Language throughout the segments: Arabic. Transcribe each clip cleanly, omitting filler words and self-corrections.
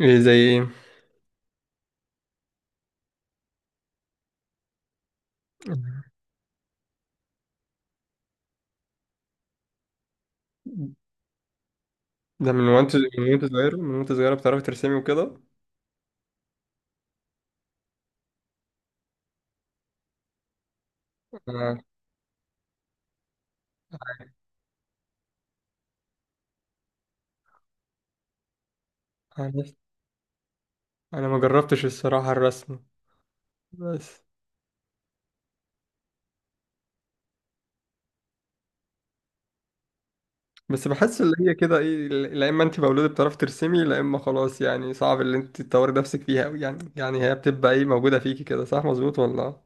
ايه؟ زي ايه؟ ده من وانت صغيرة بتعرفي ترسمي وكده. انا انا أنا ما جربتش الصراحة الرسم. بس بس بحس اللي هي كده ايه، لا اما انت مولودة بتعرفي ترسمي، لا اما خلاص يعني صعب اللي انت تطوري نفسك فيها أوي يعني هي بتبقى ايه موجودة فيكي كده، صح؟ مظبوط ولا؟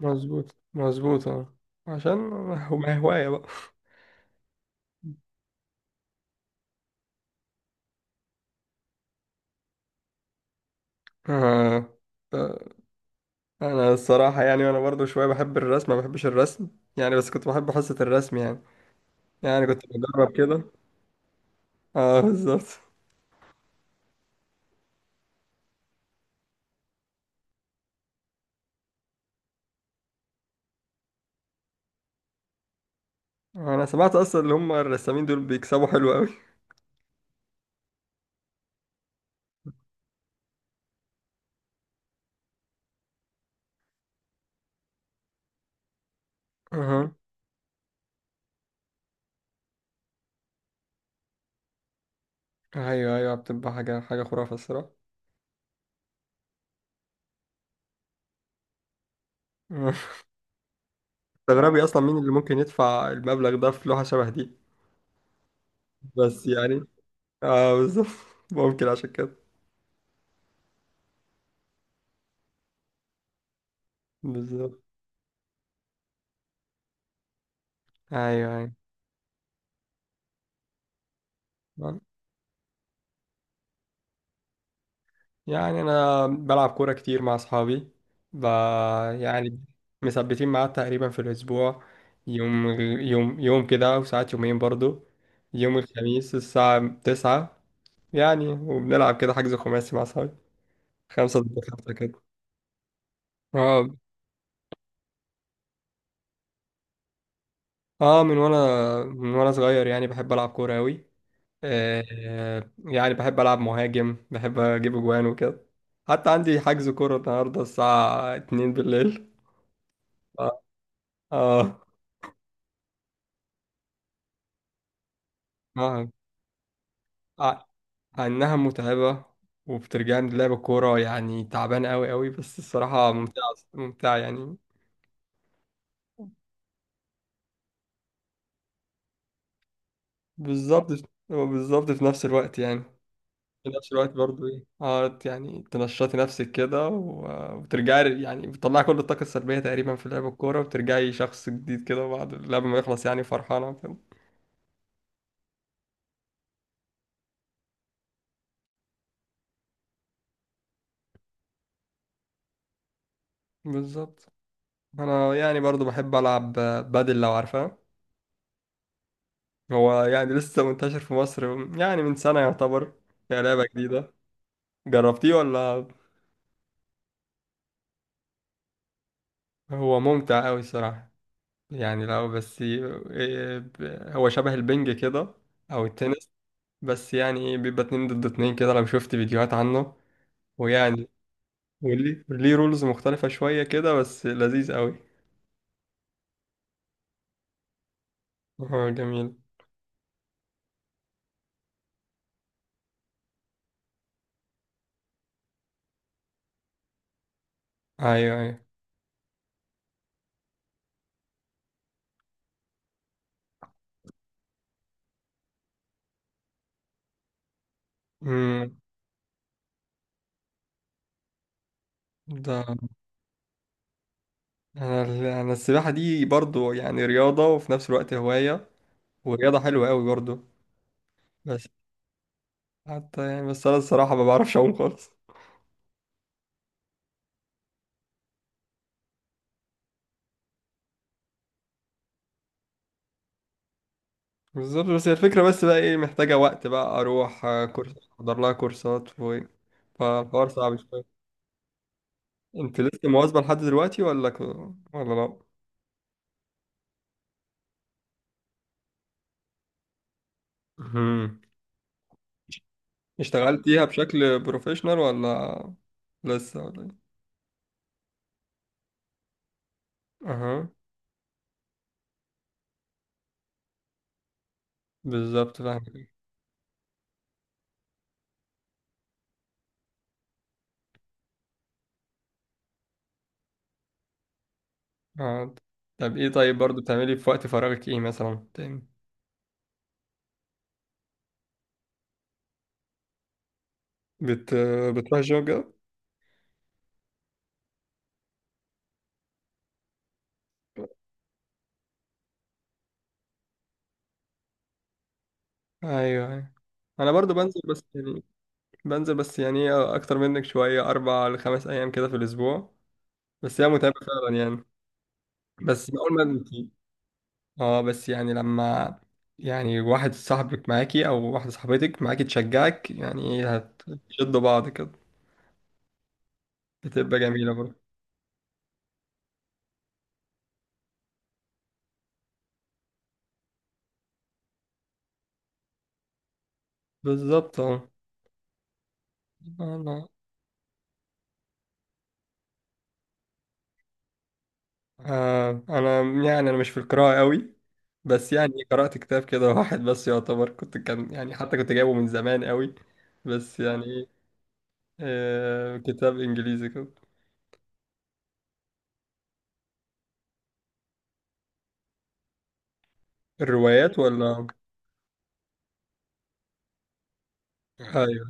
مظبوط، مظبوط، اه. عشان هو، ما هي هواية بقى. آه. آه. انا الصراحة يعني وانا برضو شوية بحب الرسم، ما بحبش الرسم يعني، بس كنت بحب حصة الرسم يعني كنت بجرب كده. اه، بالظبط. انا سمعت اصلا اللي هم الرسامين دول بيكسبوا حلو قوي. اها. ايوه، ايوه، بتبقى حاجه، حاجه خرافه الصراحه. أها. تستغربي اصلا مين اللي ممكن يدفع المبلغ ده في لوحه شبه دي. بس يعني، اه، بالظبط. ممكن عشان كده. بالظبط. ايوه، ايوه، يعني انا بلعب كوره كتير مع اصحابي. ب... يعني مثبتين ميعاد تقريبا في الاسبوع يوم، يوم، يوم كده، وساعات يومين برضو. يوم الخميس الساعه 9. يعني وبنلعب كده حجز خماسي مع اصحابي، خمسة ضد خمسة كده. اه، اه. من وانا صغير يعني بحب العب كوره قوي. آه يعني بحب العب مهاجم، بحب اجيب اجوان وكده. حتى عندي حجز كوره النهارده الساعه 2 بالليل. اه. اه. آه. ع- عنها متعبة، وبترجعني لعب الكورة يعني تعبان قوي قوي، بس الصراحة ممتعة، ممتعة يعني. بالظبط. هو بالظبط في نفس الوقت يعني. في نفس الوقت برضو ايه، يعني تنشطي نفسك كده، وترجعي يعني بتطلعي كل الطاقة السلبية تقريبا في لعب الكورة، وبترجعي شخص جديد كده بعد اللعب ما يخلص، يعني فرحانة كده. بالظبط. انا يعني برضو بحب العب بادل، لو عارفها. هو يعني لسه منتشر في مصر، يعني من سنة يعتبر، هي لعبة جديدة. جربتيه ولا؟ هو ممتع أوي الصراحة. يعني لو بس إيه، هو شبه البنج كده، أو التنس. بس يعني إيه، بيبقى اتنين ضد اتنين كده لو شفت فيديوهات عنه، ويعني وليه رولز مختلفة شوية كده، بس لذيذ أوي. هو جميل. أيوه، أيوه. أمم، ده أنا السباحة دي برضو يعني رياضة وفي نفس الوقت هواية، ورياضة حلوة أوي برضو. بس حتى يعني، بس أنا الصراحة ما بعرفش أعوم خالص. بالظبط، بس هي الفكرة، بس بقى ايه، محتاجة وقت بقى اروح آه، كورس، احضر لها كورسات فالحوار صعب شوية. انت لسه مواظبة لحد دلوقتي ولا ولا؟ لا. مهم. اشتغلتيها بشكل بروفيشنال ولا لسه ولا ايه؟ اها. بالظبط فاهم. اه. طب ايه، طيب برضو بتعملي في وقت فراغك ايه مثلا تاني؟ بت... بتروحي الجيم كده؟ ايوه، ايوه. انا برضو بنزل بس يعني اكتر منك شويه، 4-5 ايام كده في الاسبوع، بس هي متعبة فعلا يعني. بس اول ما انت، اه بس يعني لما يعني واحد صاحبك معاكي او واحدة صاحبتك معاكي تشجعك، يعني ايه، هتشدوا بعض كده. بتبقى جميلة برضه. بالظبط اه. انا آه انا يعني انا مش في القراءة قوي، بس يعني قرأت كتاب كده واحد بس يعتبر، كنت كان يعني، حتى كنت جايبه من زمان قوي، بس يعني ايه، كتاب انجليزي كده. الروايات ولا؟ ايوه.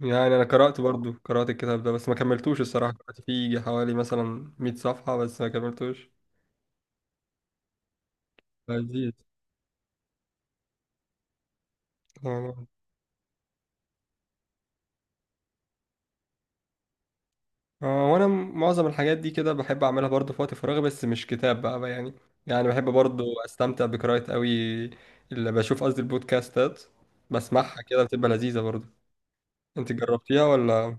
يعني انا قرأت برضو، قرأت الكتاب ده بس ما كملتوش الصراحة، قرأت فيه حوالي مثلا 100 صفحة بس ما كملتوش. لذيذ. آه. آه. وانا معظم الحاجات دي كده بحب اعملها برضو في وقت فراغي، بس مش كتاب بقى يعني بحب برضو استمتع بقراءة قوي. اللي بشوف، قصدي البودكاستات، بسمعها كده بتبقى لذيذة برضو. انت جربتيها ولا؟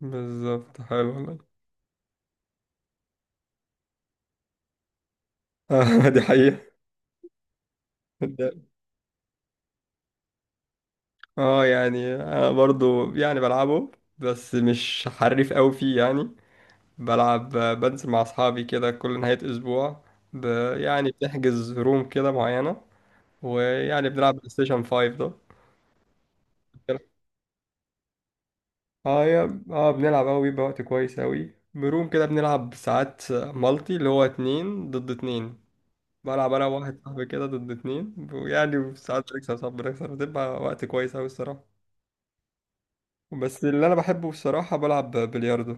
بالظبط. حلو والله. آه. دي حقيقة. ده- اه يعني انا برضو يعني بلعبه، بس مش حريف قوي فيه يعني. بلعب، بنزل مع أصحابي كده كل نهاية أسبوع، ب... يعني بنحجز روم كده معينة، ويعني بنلعب بلاي ستيشن 5 ده. اه، يا، بنلعب أوي، بيبقى وقت كويس أوي بروم كده، بنلعب ساعات مالتي اللي هو اتنين ضد اتنين. بلعب أنا وواحد صاحبي كده ضد اتنين، ويعني ساعات بنكسب ساعات بنكسب، بتبقى وقت كويس أوي الصراحة. بس اللي أنا بحبه الصراحة، بلعب بلياردو.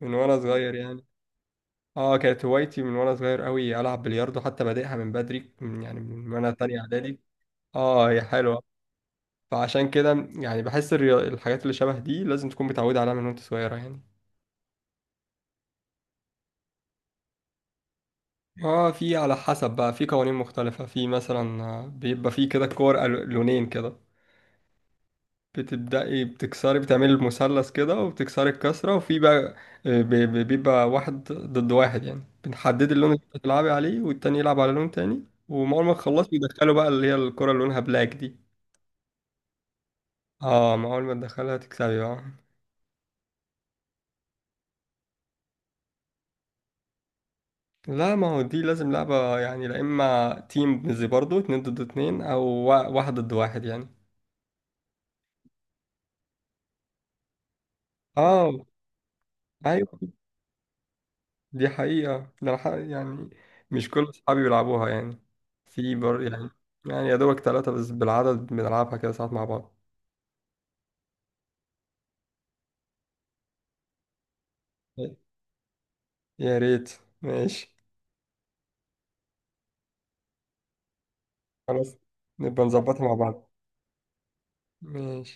من وأنا صغير يعني. اه، كانت هوايتي من وانا صغير قوي العب بلياردو، حتى بادئها من بدري، من وانا تانية اعدادي. اه، هي حلوة. فعشان كده يعني بحس الحاجات اللي شبه دي لازم تكون متعودة عليها من وانت صغيرة يعني. اه، في على حسب بقى، في قوانين مختلفة، في مثلا آه، بيبقى في كده كور لونين كده. بتبدأي بتكسري، بتعملي المثلث كده وبتكسري الكسرة، وفي بقى بيبقى واحد ضد واحد، يعني بنحدد اللون اللي بتلعبي عليه والتاني يلعب على لون تاني. وأول ما تخلصي يدخلوا بقى اللي هي الكرة اللي لونها بلاك دي. اه، ما اول ما تدخلها تكسبي بقى. لا، ما هو دي لازم لعبة يعني، لا اما تيم زي برضو اتنين ضد اتنين، او واحد ضد واحد يعني. اه، ايوه. دي حقيقة، ده يعني مش كل اصحابي بيلعبوها يعني. في بر يعني، يا دوبك ثلاثة بس بالعدد بنلعبها كده ساعات مع بعض. يا ريت. ماشي. خلاص، نبقى نظبطها مع بعض. ماشي.